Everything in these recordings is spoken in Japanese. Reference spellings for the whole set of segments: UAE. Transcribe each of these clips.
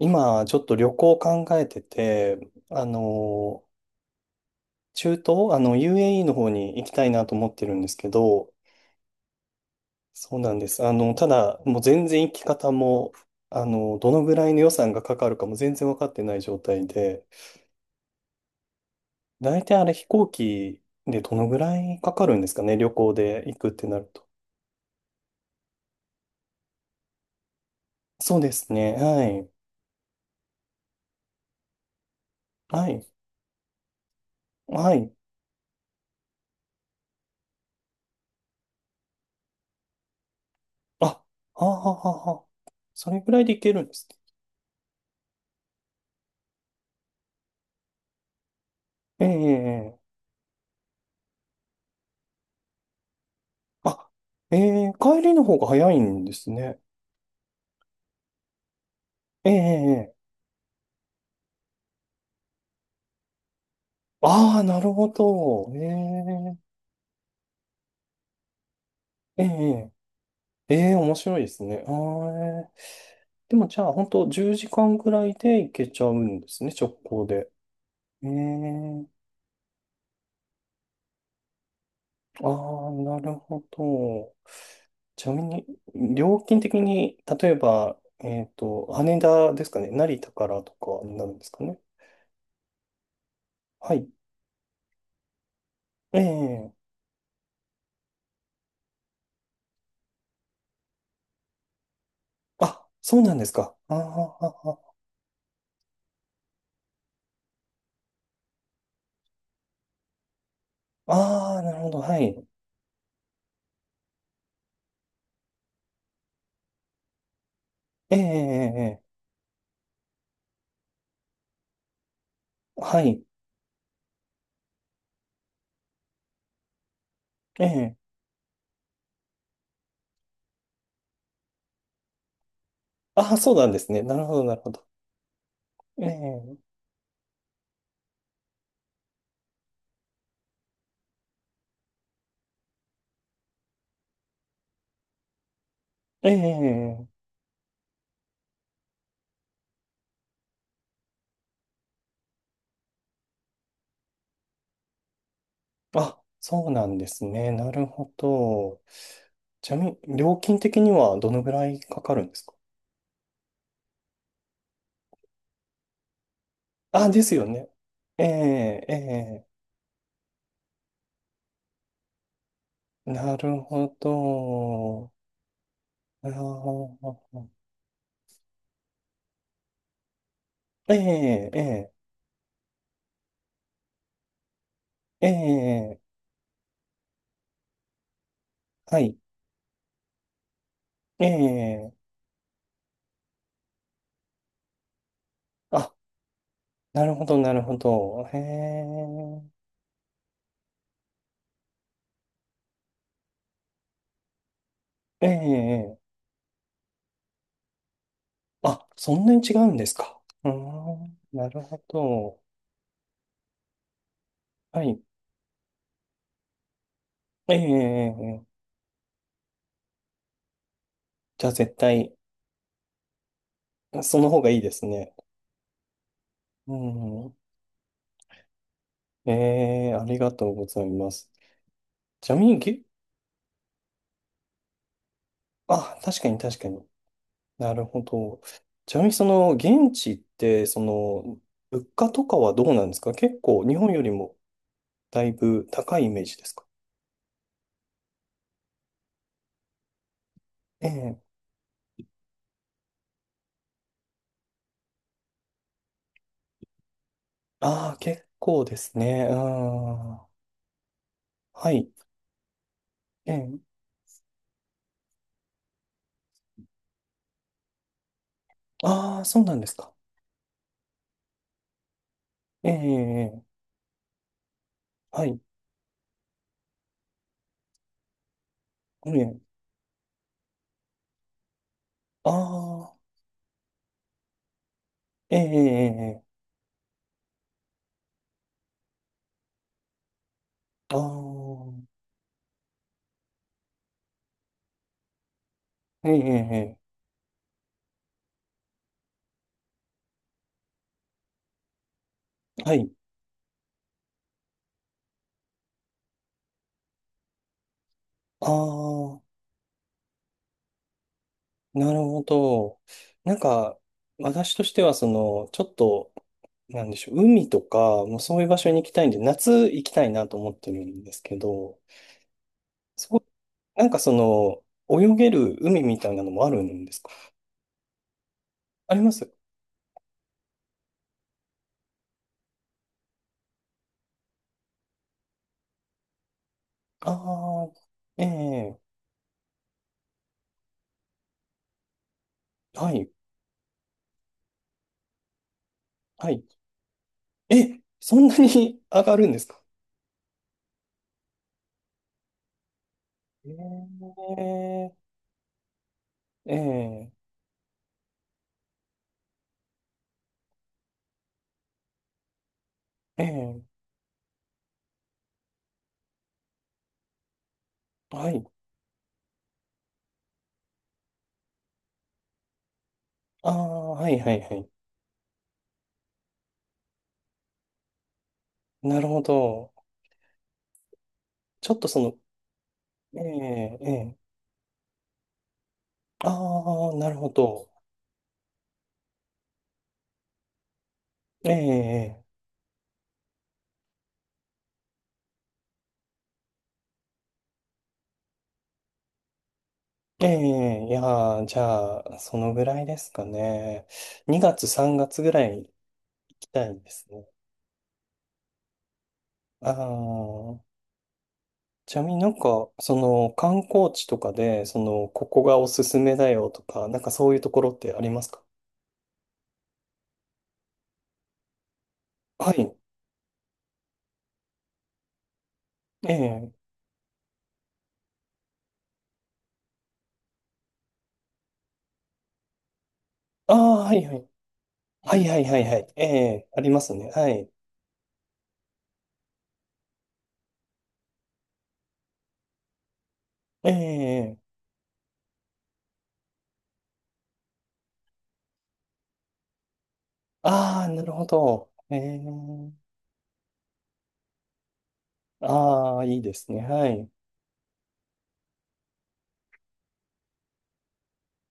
今、ちょっと旅行考えてて、あの、中東、UAE の方に行きたいなと思ってるんですけど、そうなんです。ただ、もう全然行き方も、どのぐらいの予算がかかるかも全然分かってない状態で、大体あれ飛行機でどのぐらいかかるんですかね、旅行で行くってなると。そうですね。はい。はい。はい。あ、はあはあはあはあ。それぐらいで行けるんですね。ええええ、あ、ええ帰りの方が早いんですね。ええええ、ああー、なるほど。ええええええ、面白いですね。あーええ、でもじゃあ、本当10時間ぐらいで行けちゃうんですね、直行で。ええ、ああー、なるほど。ちなみに、料金的に、例えば、羽田ですかね、成田からとかになるんですかね。はい。ええ、あ、そうなんですか。ああああ、あーあー、なるほど。はい。ええ、ええ、ええ、はい。ええ。あ、そうなんですね。なるほど、なるほど。ええ、ええ。あ、そうなんですね。なるほど。ちなみに、料金的にはどのぐらいかかるんですか？あ、ですよね。ええ、ええ。なるほど。あーええ、ええ、ええ。はい。ええ。あ、なるほど、なるほど。へえ。ええ、ええ、あ、そんなに違うんですか？うーん、なるほど。はい。ええ、じゃあ絶対、その方がいいですね。うん。ええ、ありがとうございます。ちなみに、あ、確かに確かに。なるほど。ちなみに、その、現地って、その、物価とかはどうなんですか？結構、日本よりもだいぶ高いイメージですか？ええ、ああ結構ですね。うん。はい。ええ、ああ、そうなんですか。ええ、はい。あるやん。ああ、ええええええ、ああ、ええええええ、はい。ああ、なるほど。なんか、私としては、その、ちょっと、なんでしょう、海とか、もうそういう場所に行きたいんで、夏行きたいなと思ってるんですけど、そう、なんかその、泳げる海みたいなのもあるんですか？あります？ああ、ええ、はい、はい。え、そんなに 上がるんですか？ええええ、ええ、はい。ああ、はいはいはい。なるほど。ちょっとその、ええ、ええ、ああ、なるほど。ええ、ええ、ええ、いやー、じゃあ、そのぐらいですかね。2月、3月ぐらい行きたいですね。ああ、ちなみになんか、その観光地とかで、その、ここがおすすめだよとか、なんかそういうところってありますか？はい。ええ、ああ、はいはい。はいはいはいはい。ええ、ありますね。はい。ええ、ああ、なるほど。ええ、ああ、いいですね。はい。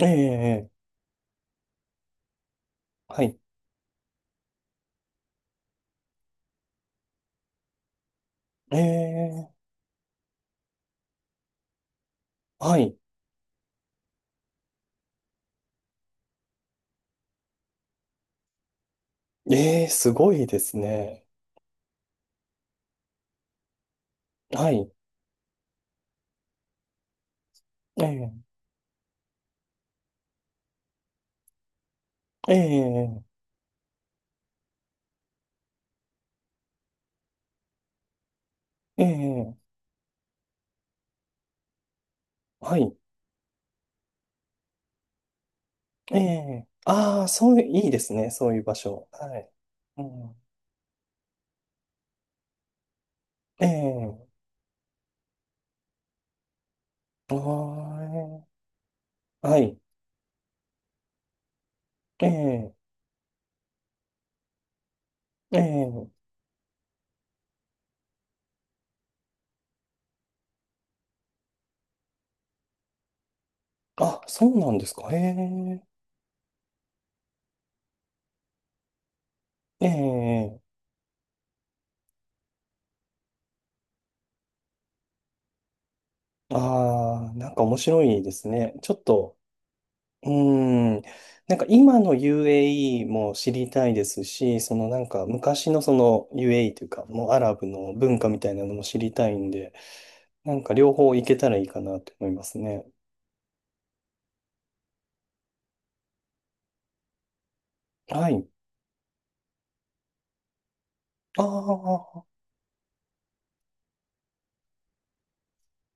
ええ、はい。ええ、はい。ええ、すごいですね。はい。ええ、ええ、ええ、はい。ええ、ああ、そういう、いいですね。そういう場所。はい。うん、ええ、ああ、はい。ええ、ええ、あ、そうなんですか。ええ、ええ、ああ、なんか面白いですね。ちょっと、うーん。なんか今の UAE も知りたいですし、そのなんか昔のその UAE というか、もうアラブの文化みたいなのも知りたいんで、なんか両方行けたらいいかなと思いますね。はい。ああ、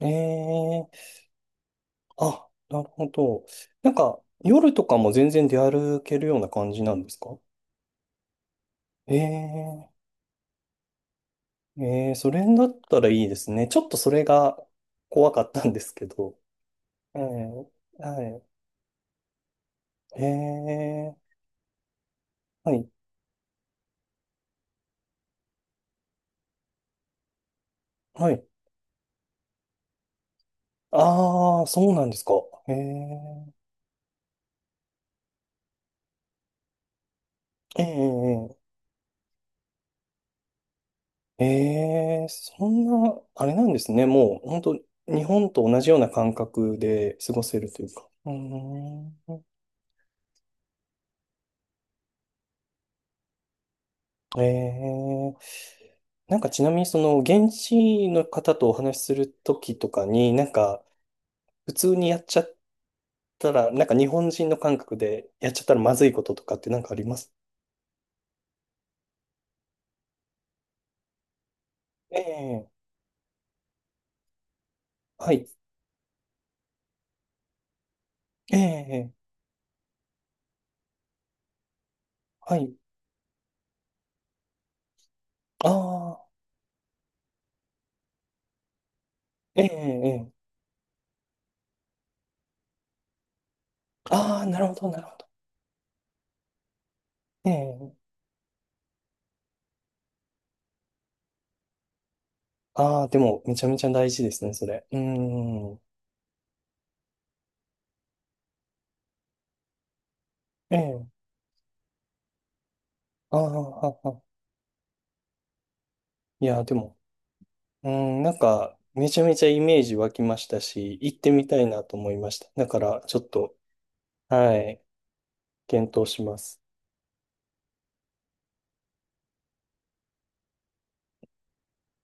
ええ、あ、なるほど。なんか夜とかも全然出歩けるような感じなんですか？ええ、ええ、それだったらいいですね。ちょっとそれが怖かったんですけど。ええ、はい。ええ、はい。はい。ああ、そうなんですか。へえ。ええ、ええ、ええ、そんな、あれなんですね。もう、本当日本と同じような感覚で過ごせるというか。うーん。ええ、なんかちなみに、その、現地の方とお話しするときとかに、なんか、普通にやっちゃったら、なんか日本人の感覚でやっちゃったらまずいこととかってなんかあります？ええ、はい。ええ、はい。ああ、ええ、ええ。ああ、なるほど、なるほど。ええ。ああ、でも、めちゃめちゃ大事ですね、それ。うーん。ええ。ああ、はは。いや、でも、うーん、なんか、めちゃめちゃイメージ湧きましたし、行ってみたいなと思いました。だから、ちょっと、はい、検討します。